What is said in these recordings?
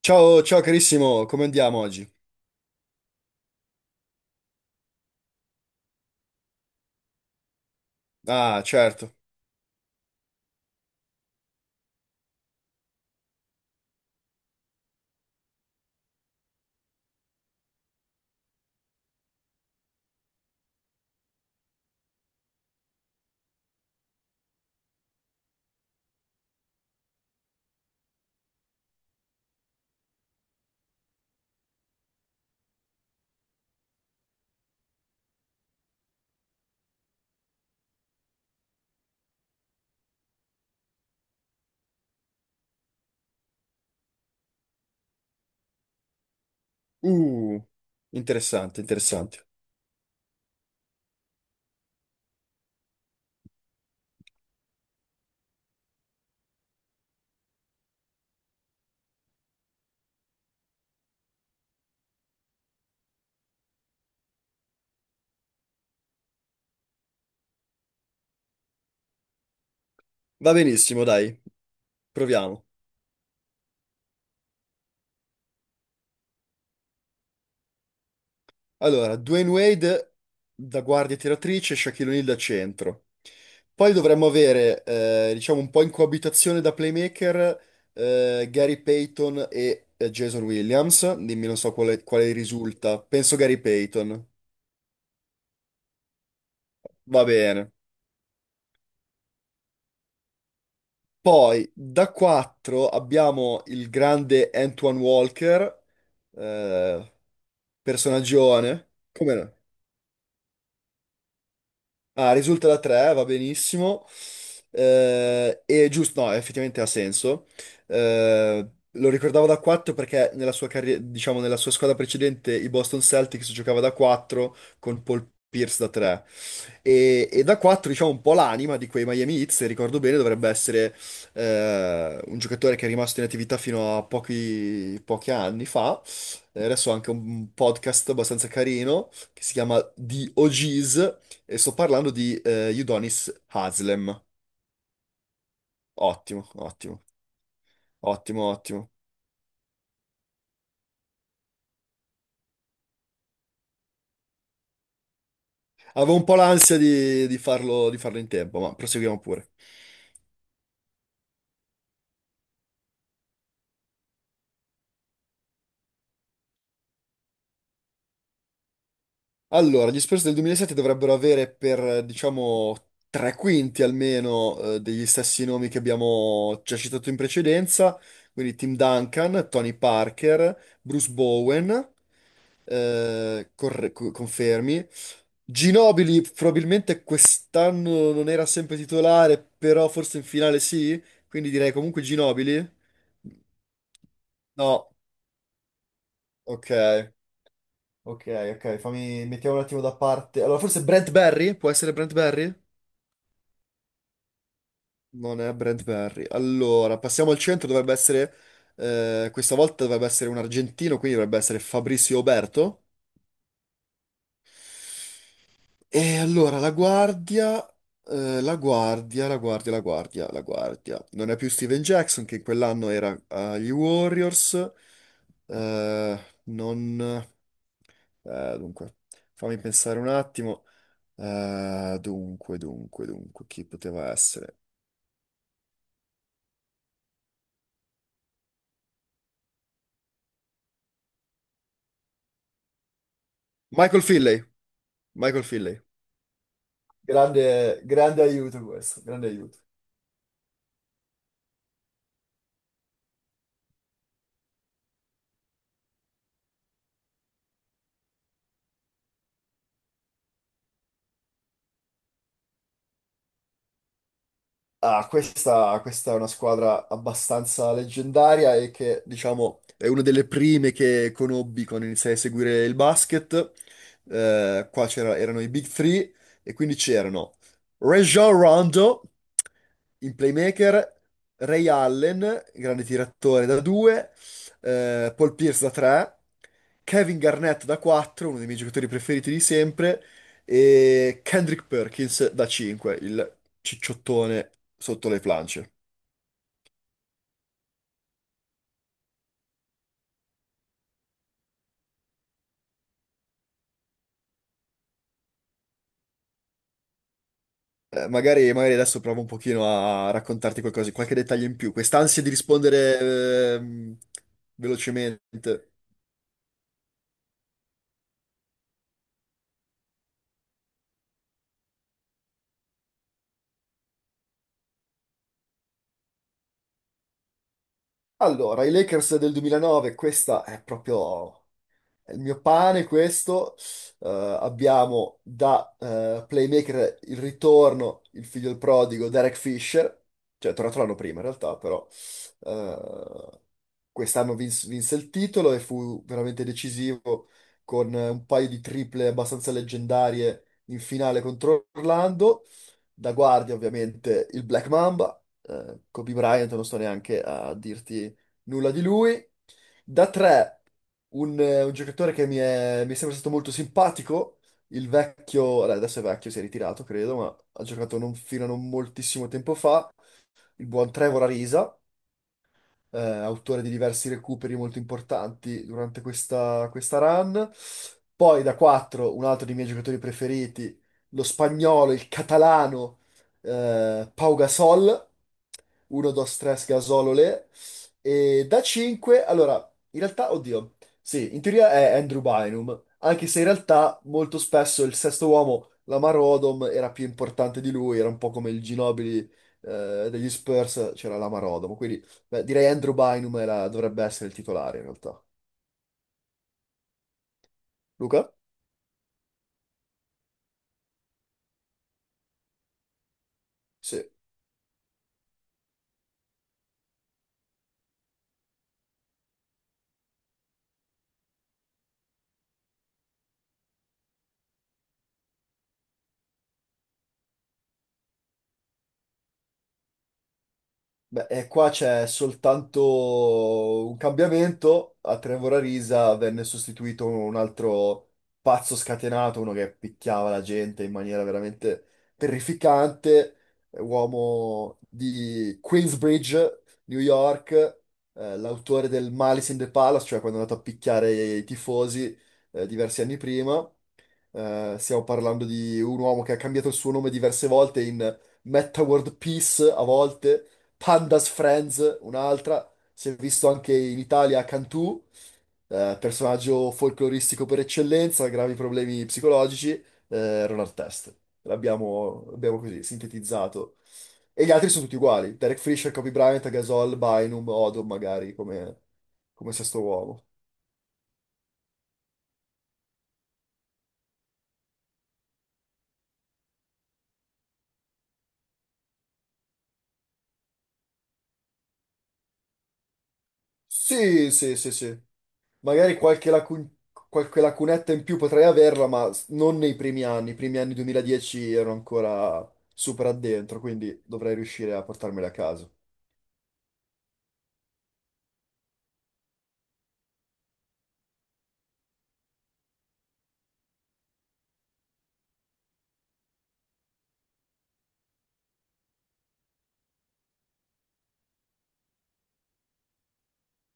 Ciao, ciao carissimo, come andiamo oggi? Ah, certo. Uh, Interessante, interessante. Va benissimo, dai, proviamo. Allora, Dwayne Wade da guardia tiratrice, Shaquille O'Neal da centro. Poi dovremmo avere, diciamo, un po' in coabitazione da playmaker, Gary Payton e Jason Williams. Dimmi, non so quale, quale risulta. Penso Gary Payton. Va bene. Poi da 4 abbiamo il grande Antoine Walker, eh, personaggione. Come no? Ah, risulta da 3, va benissimo. E giusto, no, effettivamente ha senso. Eh, Lo ricordavo da 4 perché nella sua carriera, diciamo, nella sua squadra precedente, i Boston Celtics, giocava da 4 con Paul Pierce da 3. E da 4, diciamo, un po' l'anima di quei Miami Heat, se ricordo bene, dovrebbe essere un giocatore che è rimasto in attività fino a pochi anni fa. Adesso ha anche un podcast abbastanza carino che si chiama The OGs, e sto parlando di Udonis Haslem. Ottimo, ottimo, ottimo, ottimo. Avevo un po' l'ansia di farlo, di farlo in tempo, ma proseguiamo pure. Allora, gli Spurs del 2007 dovrebbero avere per, diciamo, tre quinti almeno degli stessi nomi che abbiamo già citato in precedenza, quindi Tim Duncan, Tony Parker, Bruce Bowen, confermi. Ginobili probabilmente quest'anno non era sempre titolare, però forse in finale sì, quindi direi comunque Ginobili. No, ok, ok, ok, fammi, mettiamo un attimo da parte. Allora, forse Brent Barry? Può essere Brent Barry? Non è Brent Barry. Allora, passiamo al centro, dovrebbe essere, questa volta dovrebbe essere un argentino, quindi dovrebbe essere Fabrizio Oberto. E allora la guardia, la guardia, la guardia, la guardia, la guardia. Non è più Steven Jackson, che in quell'anno era agli Warriors. Eh, non... Dunque, fammi pensare un attimo. Dunque, chi poteva essere? Michael Finley. Michael Finley. Grande, grande aiuto questo, grande aiuto. Ah, questa è una squadra abbastanza leggendaria e che, diciamo, è una delle prime che conobbi quando iniziai a seguire il basket. Erano i Big Three, e quindi c'erano Rajon Rondo, in playmaker, Ray Allen, grande tiratore da 2, Paul Pierce da 3, Kevin Garnett da 4, uno dei miei giocatori preferiti di sempre, e Kendrick Perkins da 5, il cicciottone sotto le planche. Magari, magari adesso provo un pochino a raccontarti qualcosa, qualche dettaglio in più, quest'ansia di rispondere velocemente. Allora, i Lakers del 2009, questa è proprio il mio pane, questo. Abbiamo da playmaker il ritorno, il figlio del prodigo, Derek Fisher, cioè è tornato l'anno prima in realtà, però eh, quest'anno vinse il titolo e fu veramente decisivo con un paio di triple abbastanza leggendarie in finale contro Orlando. Da guardia ovviamente il Black Mamba, Kobe Bryant, non sto neanche a dirti nulla di lui. Da tre, un giocatore che mi è sempre stato molto simpatico, il vecchio, allora, adesso è vecchio, si è ritirato credo, ma ha giocato non, fino a non moltissimo tempo fa, il buon Trevor Ariza, autore di diversi recuperi molto importanti durante questa run. Poi da 4, un altro dei miei giocatori preferiti, lo spagnolo, il catalano, Pau Gasol. 1, 2, 3, gasolole. E da 5, allora, in realtà, oddio, sì, in teoria è Andrew Bynum, anche se in realtà molto spesso il sesto uomo, Lamar Odom, era più importante di lui, era un po' come il Ginobili degli Spurs, c'era Lamar Odom, quindi beh, direi Andrew Bynum era- dovrebbe essere il titolare in realtà. Luca? Sì. Beh, e qua c'è soltanto un cambiamento. A Trevor Arisa venne sostituito un altro pazzo scatenato, uno che picchiava la gente in maniera veramente terrificante, uomo di Queensbridge, New York, l'autore del Malice in the Palace, cioè quando è andato a picchiare i tifosi, diversi anni prima. Stiamo parlando di un uomo che ha cambiato il suo nome diverse volte, in Metta World Peace a volte, Pandas Friends un'altra, si è visto anche in Italia Cantù, personaggio folcloristico per eccellenza, gravi problemi psicologici, Ron Artest. L'abbiamo così sintetizzato. E gli altri sono tutti uguali, Derek Fisher, Kobe Bryant, Gasol, Bynum, Odom magari come, come sesto uomo. Sì, sì, sì, sì. Magari qualche, lacu- Qualche lacunetta in più potrei averla, ma non nei primi anni. I primi anni 2010 ero ancora super addentro, quindi dovrei riuscire a portarmela a casa.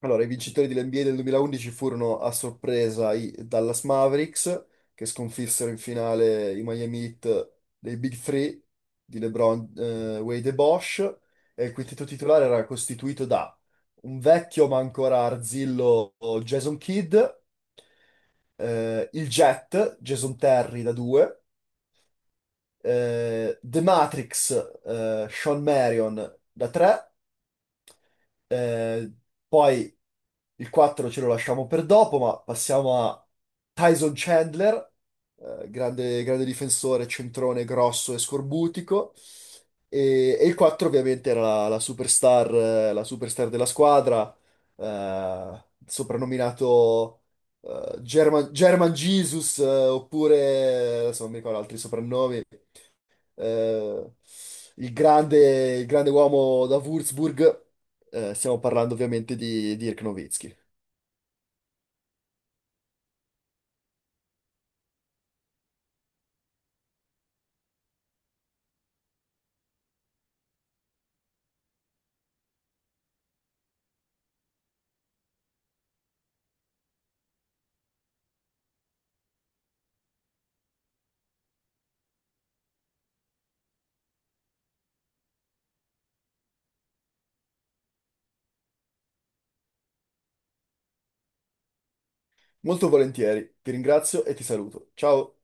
Allora, i vincitori dell'NBA del 2011 furono a sorpresa i Dallas Mavericks, che sconfissero in finale i Miami Heat dei Big Three di LeBron, Wade e Bosch. E il quintetto titolare era costituito da un vecchio ma ancora arzillo Jason Kidd, Il Jet, Jason Terry da 2, The Matrix, Sean Marion da 3, eh, poi il 4 ce lo lasciamo per dopo, ma passiamo a Tyson Chandler, grande, grande difensore, centrone grosso e scorbutico. E il 4 ovviamente era la superstar, della squadra, soprannominato German Jesus, oppure, adesso non mi ricordo altri soprannomi, eh, il grande uomo da Würzburg. Stiamo parlando ovviamente di Dirk Nowitzki. Molto volentieri, ti ringrazio e ti saluto. Ciao!